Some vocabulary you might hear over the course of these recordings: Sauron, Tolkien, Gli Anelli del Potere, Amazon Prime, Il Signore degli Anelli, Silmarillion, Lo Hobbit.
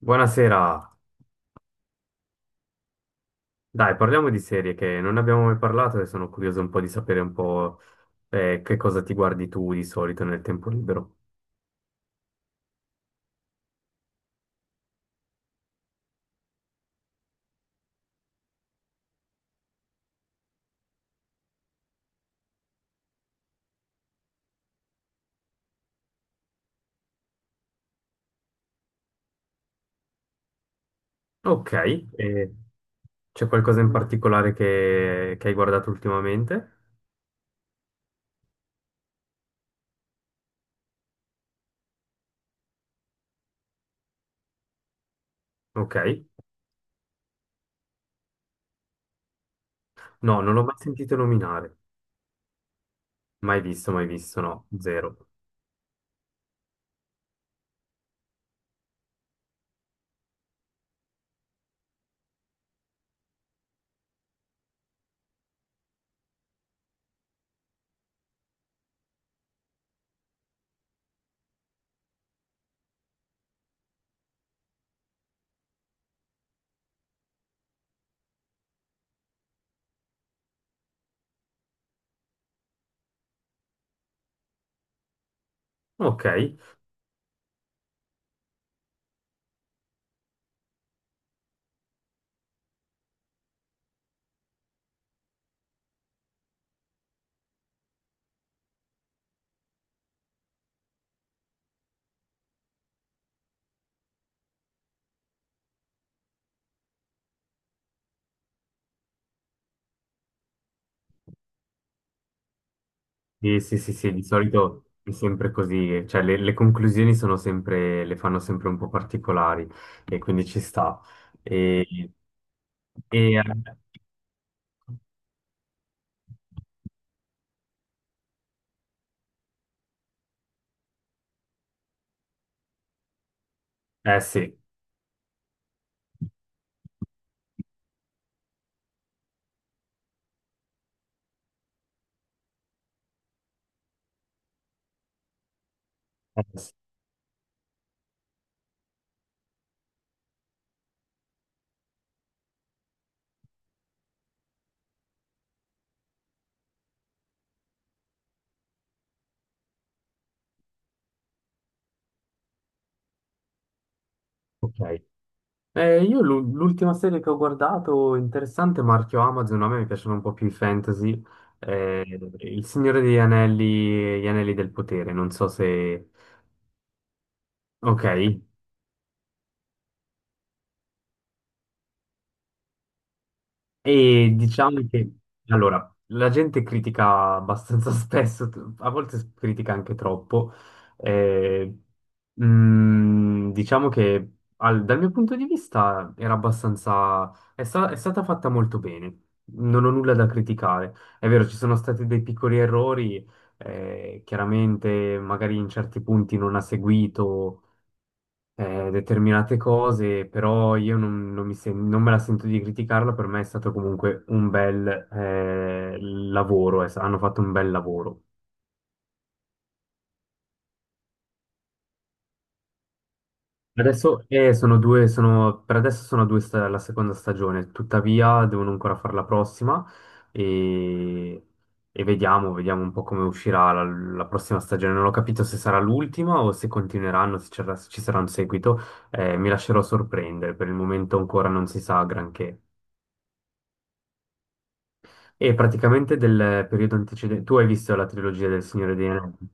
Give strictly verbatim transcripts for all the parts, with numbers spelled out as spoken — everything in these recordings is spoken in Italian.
Buonasera. Dai, parliamo di serie che non ne abbiamo mai parlato e sono curioso un po' di sapere un po' eh, che cosa ti guardi tu di solito nel tempo libero. Ok, e c'è qualcosa in particolare che, che hai guardato ultimamente? Ok, no, non l'ho mai sentito nominare, mai visto, mai visto, no, zero. Ok, sì, sì, sì, sì, di solito è sempre così, cioè le, le conclusioni sono sempre, le fanno sempre un po' particolari e quindi ci sta. E... E, eh, Eh sì, eh sì, ok. Eh, io l'u- l'ultima serie che ho guardato, interessante, marchio Amazon, a me mi piacciono un po' più i fantasy, eh, Il Signore degli Anelli, e Gli Anelli del Potere, non so se... Ok, e diciamo che, allora, la gente critica abbastanza spesso, t- a volte s- critica anche troppo. eh, mm, diciamo che al- dal mio punto di vista era abbastanza, è, sta- è stata fatta molto bene, non ho nulla da criticare. È vero, ci sono stati dei piccoli errori, eh, chiaramente magari in certi punti non ha seguito eh, determinate cose, però io non, non mi sen- non me la sento di criticarlo. Per me è stato comunque un bel eh, lavoro, es- hanno fatto un bel lavoro. Adesso eh, sono due, sono, per adesso sono due sta- la seconda stagione, tuttavia devono ancora fare la prossima e, e vediamo, vediamo un po' come uscirà la, la prossima stagione. Non ho capito se sarà l'ultima o se continueranno, se c'era- se ci sarà un seguito. Eh, mi lascerò sorprendere, per il momento ancora non si sa granché. E praticamente del periodo antecedente, tu hai visto la trilogia del Signore degli Anelli?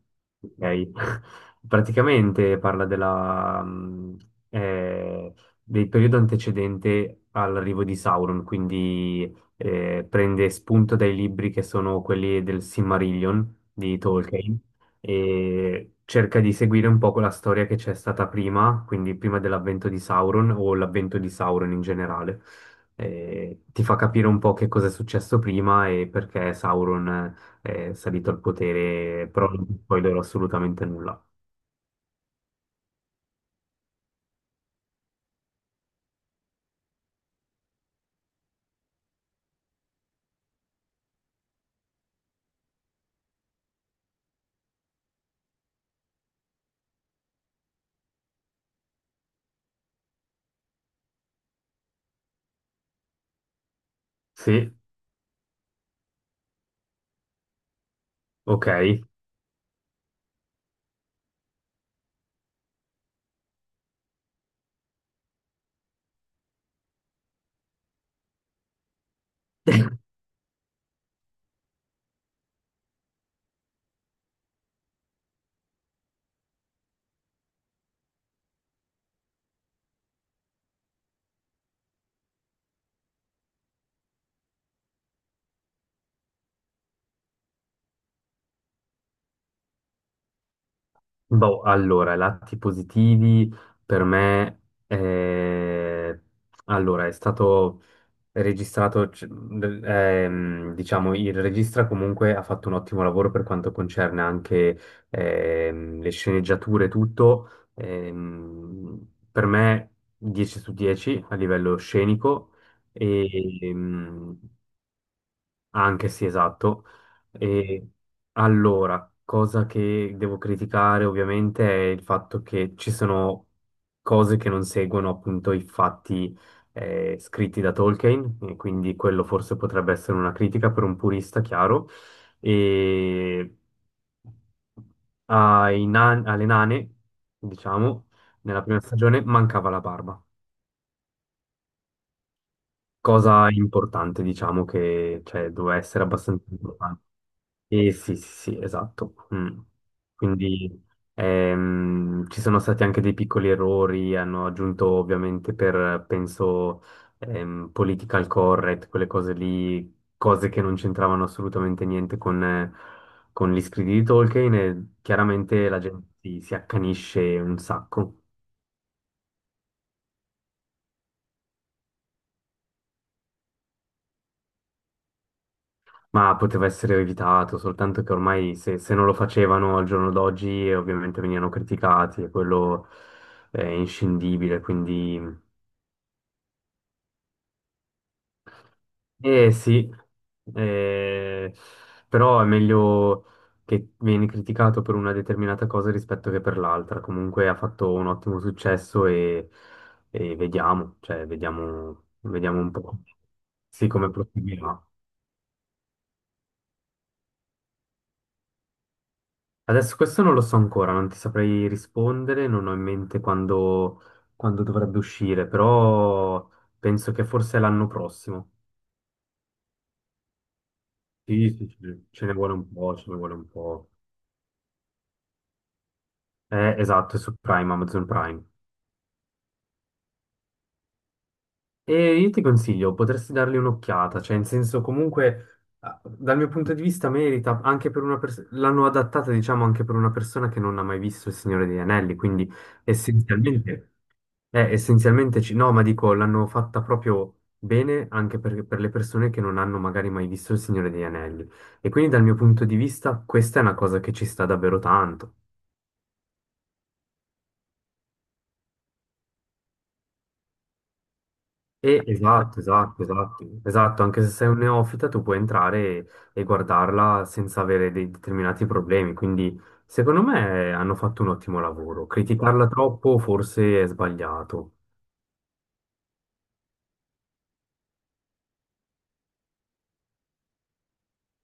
Ok. Praticamente parla della, mh, eh, del periodo antecedente all'arrivo di Sauron, quindi eh, prende spunto dai libri che sono quelli del Silmarillion di Tolkien e cerca di seguire un po' quella storia che c'è stata prima, quindi prima dell'avvento di Sauron o l'avvento di Sauron in generale. Eh, ti fa capire un po' che cosa è successo prima e perché Sauron eh, è salito al potere, però non ti spoilerò assolutamente nulla. Sì, ok. Boh, allora, lati positivi per me, eh, allora, è stato registrato, c- d- ehm, diciamo, il regista comunque ha fatto un ottimo lavoro per quanto concerne anche ehm, le sceneggiature e tutto. Ehm, per me dieci su dieci a livello scenico. Mm. E, anche sì, esatto. E allora, cosa che devo criticare ovviamente è il fatto che ci sono cose che non seguono appunto i fatti eh, scritti da Tolkien, e quindi quello forse potrebbe essere una critica per un purista, chiaro. E ai nan- alle nane, diciamo, nella prima stagione mancava la barba, cosa importante, diciamo, che cioè, doveva essere abbastanza importante. Sì, sì, sì, sì, esatto. Mm. Quindi ehm, ci sono stati anche dei piccoli errori, hanno aggiunto ovviamente per, penso, ehm, political correct, quelle cose lì, cose che non c'entravano assolutamente niente con, eh, con gli scritti di Tolkien e chiaramente la gente si, si accanisce un sacco. Ma poteva essere evitato, soltanto che ormai se, se non lo facevano al giorno d'oggi eh, ovviamente venivano criticati e quello è inscindibile, quindi... Eh sì, eh, però è meglio che vieni criticato per una determinata cosa rispetto che per l'altra. Comunque ha fatto un ottimo successo e, e vediamo, cioè vediamo, vediamo un po', sì, come proseguirà. Adesso questo non lo so ancora, non ti saprei rispondere, non ho in mente quando, quando dovrebbe uscire, però penso che forse l'anno prossimo. Sì, sì, sì, ce ne vuole un po', ce ne vuole un po'. Eh, esatto, è su Prime, Amazon Prime. E io ti consiglio, potresti dargli un'occhiata, cioè in senso comunque, ah, dal mio punto di vista merita, anche per una persona, l'hanno adattata diciamo anche per una persona che non ha mai visto Il Signore degli Anelli, quindi essenzialmente... Eh, essenzialmente ci- no, ma dico, l'hanno fatta proprio bene anche per, per le persone che non hanno magari mai visto Il Signore degli Anelli. E quindi dal mio punto di vista questa è una cosa che ci sta davvero tanto. E esatto, esatto, esatto, esatto, anche se sei un neofita tu puoi entrare e, e guardarla senza avere dei determinati problemi. Quindi secondo me hanno fatto un ottimo lavoro. Criticarla troppo forse è sbagliato.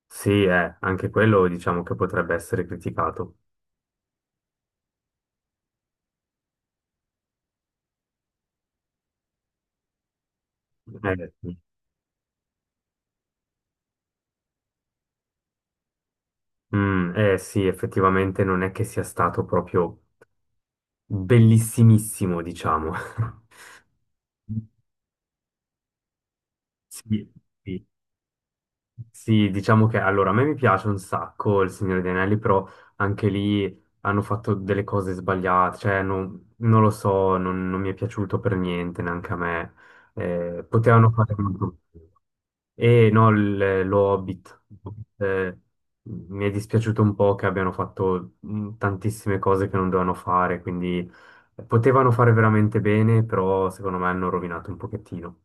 Sì, eh, anche quello diciamo che potrebbe essere criticato. Eh, Mm, eh sì, effettivamente non è che sia stato proprio bellissimissimo, diciamo. Sì, sì. Sì, diciamo che allora a me mi piace un sacco Il Signore degli Anelli, però anche lì hanno fatto delle cose sbagliate, cioè non, non lo so, non, non mi è piaciuto per niente neanche a me. Eh, potevano fare molto. E no, il- lo Hobbit. Eh, mi è dispiaciuto un po' che abbiano fatto mh, tantissime cose che non dovevano fare, quindi eh, potevano fare veramente bene, però secondo me hanno rovinato un pochettino.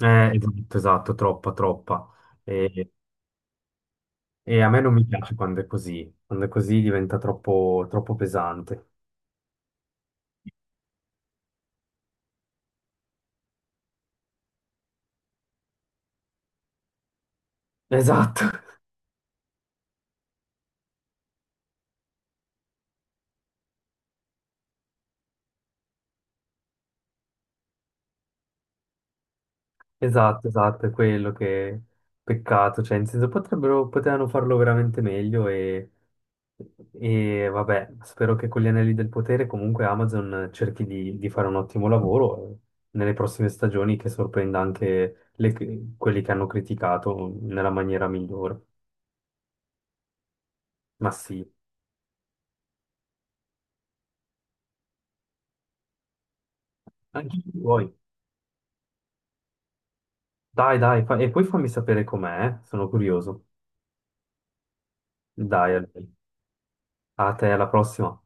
Eh, esatto, esatto, troppa, troppa. E, e a me non mi piace quando è così, quando è così diventa troppo, troppo pesante. Esatto, esatto, esatto, è quello che peccato, cioè in senso potrebbero, potevano farlo veramente meglio e... E vabbè, spero che con gli anelli del potere comunque Amazon cerchi di, di fare un ottimo lavoro eh, nelle prossime stagioni che sorprenda anche le- quelli che hanno criticato nella maniera migliore. Ma sì, anche tu vuoi. Dai, dai, fa- e poi fammi sapere com'è, eh, sono curioso. Dai, Albert, a te, alla prossima.